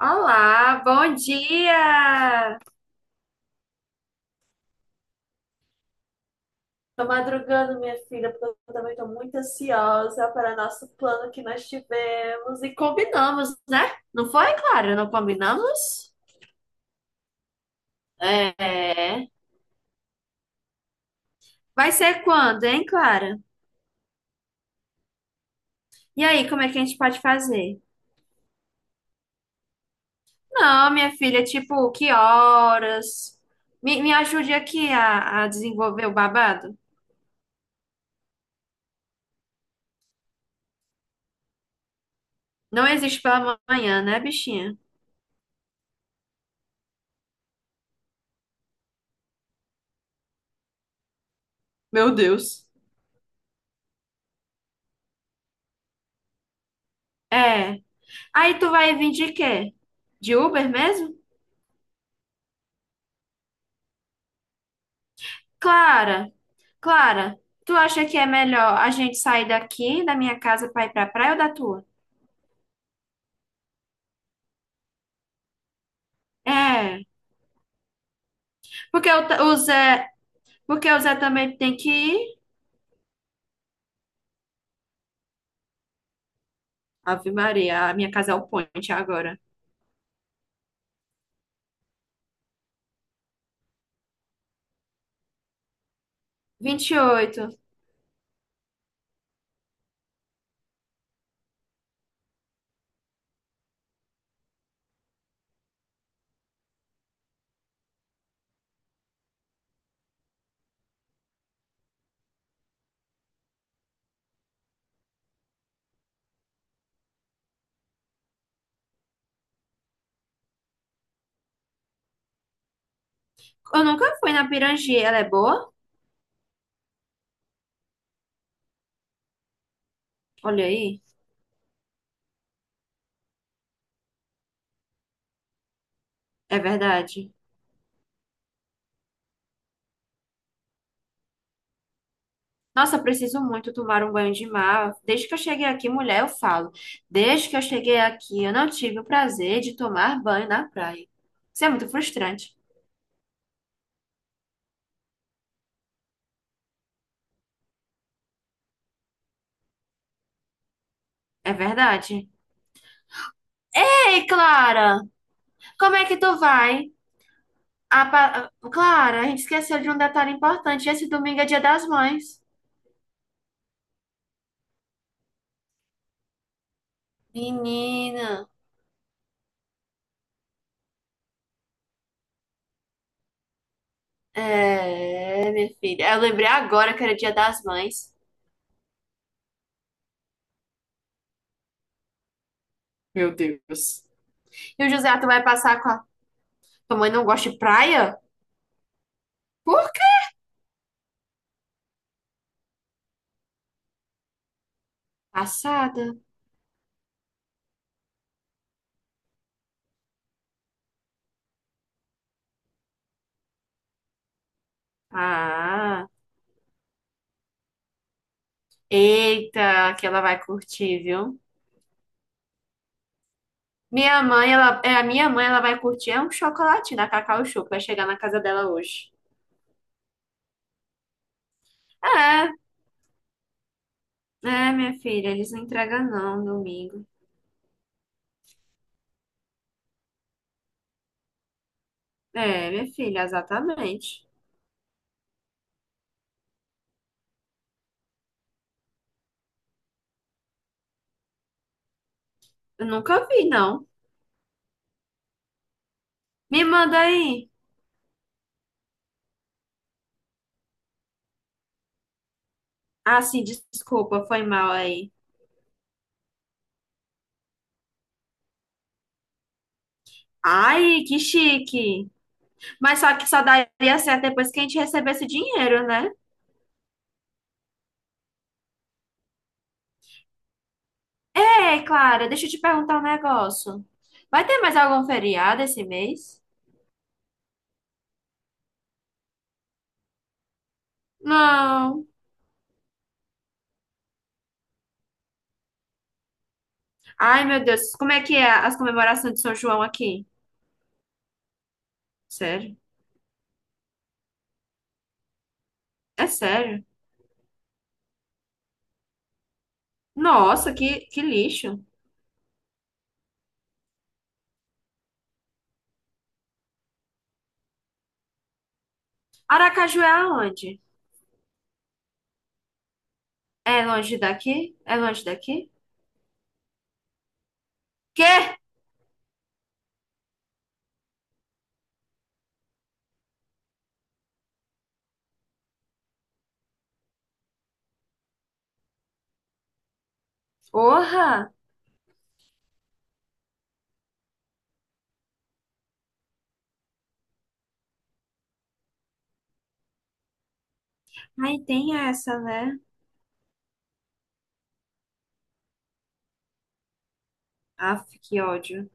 Olá, bom dia! Tô madrugando, minha filha, porque eu também tô muito ansiosa para nosso plano que nós tivemos e combinamos, né? Não foi, Clara? Não combinamos? É. Vai ser quando, hein, Clara? E aí, como é que a gente pode fazer? Não, minha filha, tipo, que horas? Me ajude aqui a desenvolver o babado? Não existe pela manhã, né, bichinha? Meu Deus. É. Aí tu vai vir de quê? De Uber mesmo? Clara, Clara, tu acha que é melhor a gente sair daqui da minha casa para ir pra praia ou da tua? É, porque o, Ta- o Zé, porque o Zé também tem que ir. Ave Maria, a minha casa é o point agora. 28. Eu nunca fui na Pirangi, ela é boa? Olha aí, é verdade. Nossa, eu preciso muito tomar um banho de mar. Desde que eu cheguei aqui, mulher, eu falo. Desde que eu cheguei aqui, eu não tive o prazer de tomar banho na praia. Isso é muito frustrante. É verdade. Ei, Clara, como é que tu vai? Clara, a gente esqueceu de um detalhe importante. Esse domingo é Dia das Mães. Menina. É, minha filha. Eu lembrei agora que era Dia das Mães. Meu Deus. E o José, tu vai passar com a... Tua mãe não gosta de praia? Por quê? Passada. Ah, eita, que ela vai curtir, viu? Minha mãe, ela, é, a minha mãe, ela vai curtir é um chocolate da Cacau Show, que vai chegar na casa dela hoje. É, é, minha filha, eles não entregam não, domingo. É, minha filha, exatamente. Eu nunca vi, não. Me manda aí. Ah, sim, desculpa, foi mal aí. Ai, que chique. Mas só que só daria certo depois que a gente recebesse dinheiro, né? Ei, Clara, deixa eu te perguntar um negócio. Vai ter mais algum feriado esse mês? Não. Ai, meu Deus, como é que é as comemorações de São João aqui? Sério? É sério? Nossa, que lixo. Aracaju é aonde? É longe daqui? É longe daqui? Quê? Porra! Ai, tem essa, né? Aff, que ódio.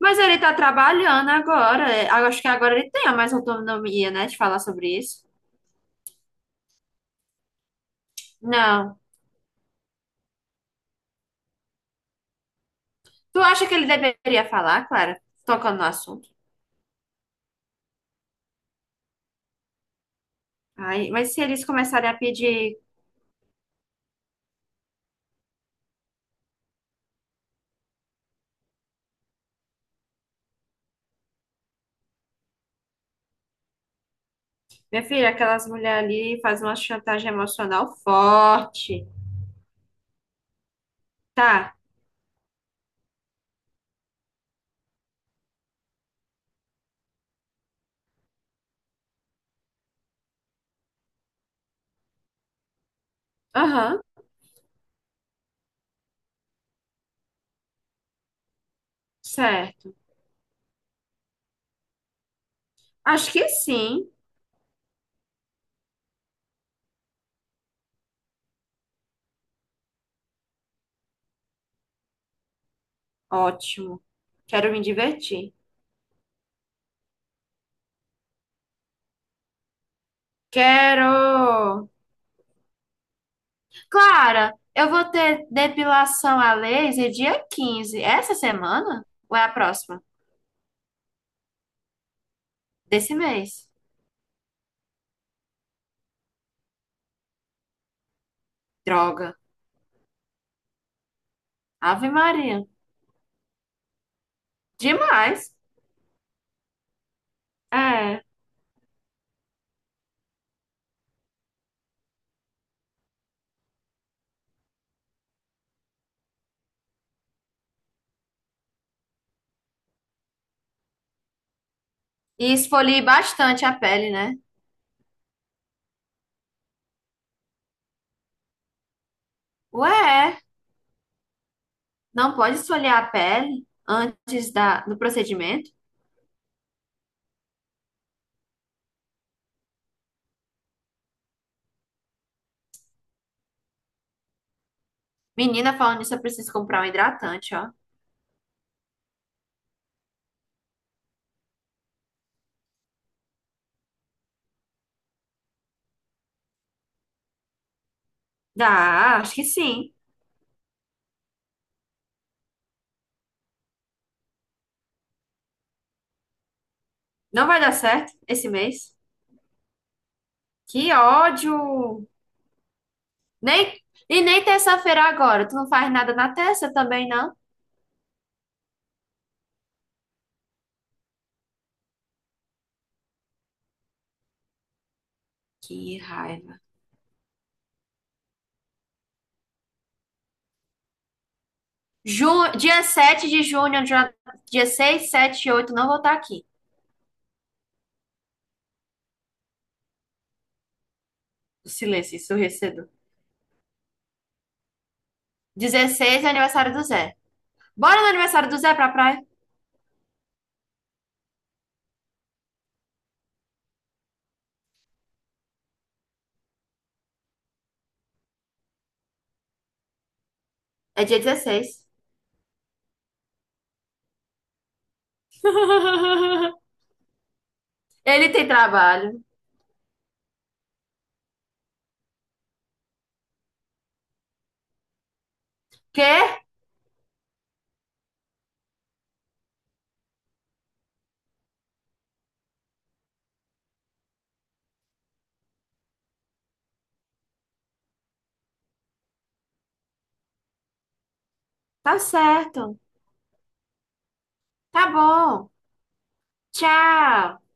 Mas ele tá trabalhando agora. É, Acho que agora ele tem a mais autonomia, né, de falar sobre isso. Não. Tu acha que ele deveria falar, Clara? Tocando no assunto. Ai, mas se eles começarem a pedir, minha filha, aquelas mulheres ali fazem uma chantagem emocional forte. Tá. Aham, certo. Acho que sim. Ótimo. Quero me divertir. Quero! Clara, eu vou ter depilação a laser dia 15. Essa semana? Ou é a próxima? Desse mês. Droga. Ave Maria. Demais. É. E esfolie bastante a pele, né? Ué, é. Não pode esfoliar a pele antes da, do procedimento? Menina, falando nisso, eu preciso comprar um hidratante, ó. Dá, acho que sim. Não vai dar certo esse mês. Que ódio! Nem, e nem terça-feira agora. Tu não faz nada na terça também, não? Que raiva. Ju, dia 7 de junho, dia 6, 7, e 8, não vou estar aqui. O silêncio ensurdecedor. 16 é aniversário do Zé. Bora no aniversário do Zé pra praia? É dia 16. Ele tem trabalho. Quê? Tá certo. Tá bom. Tchau.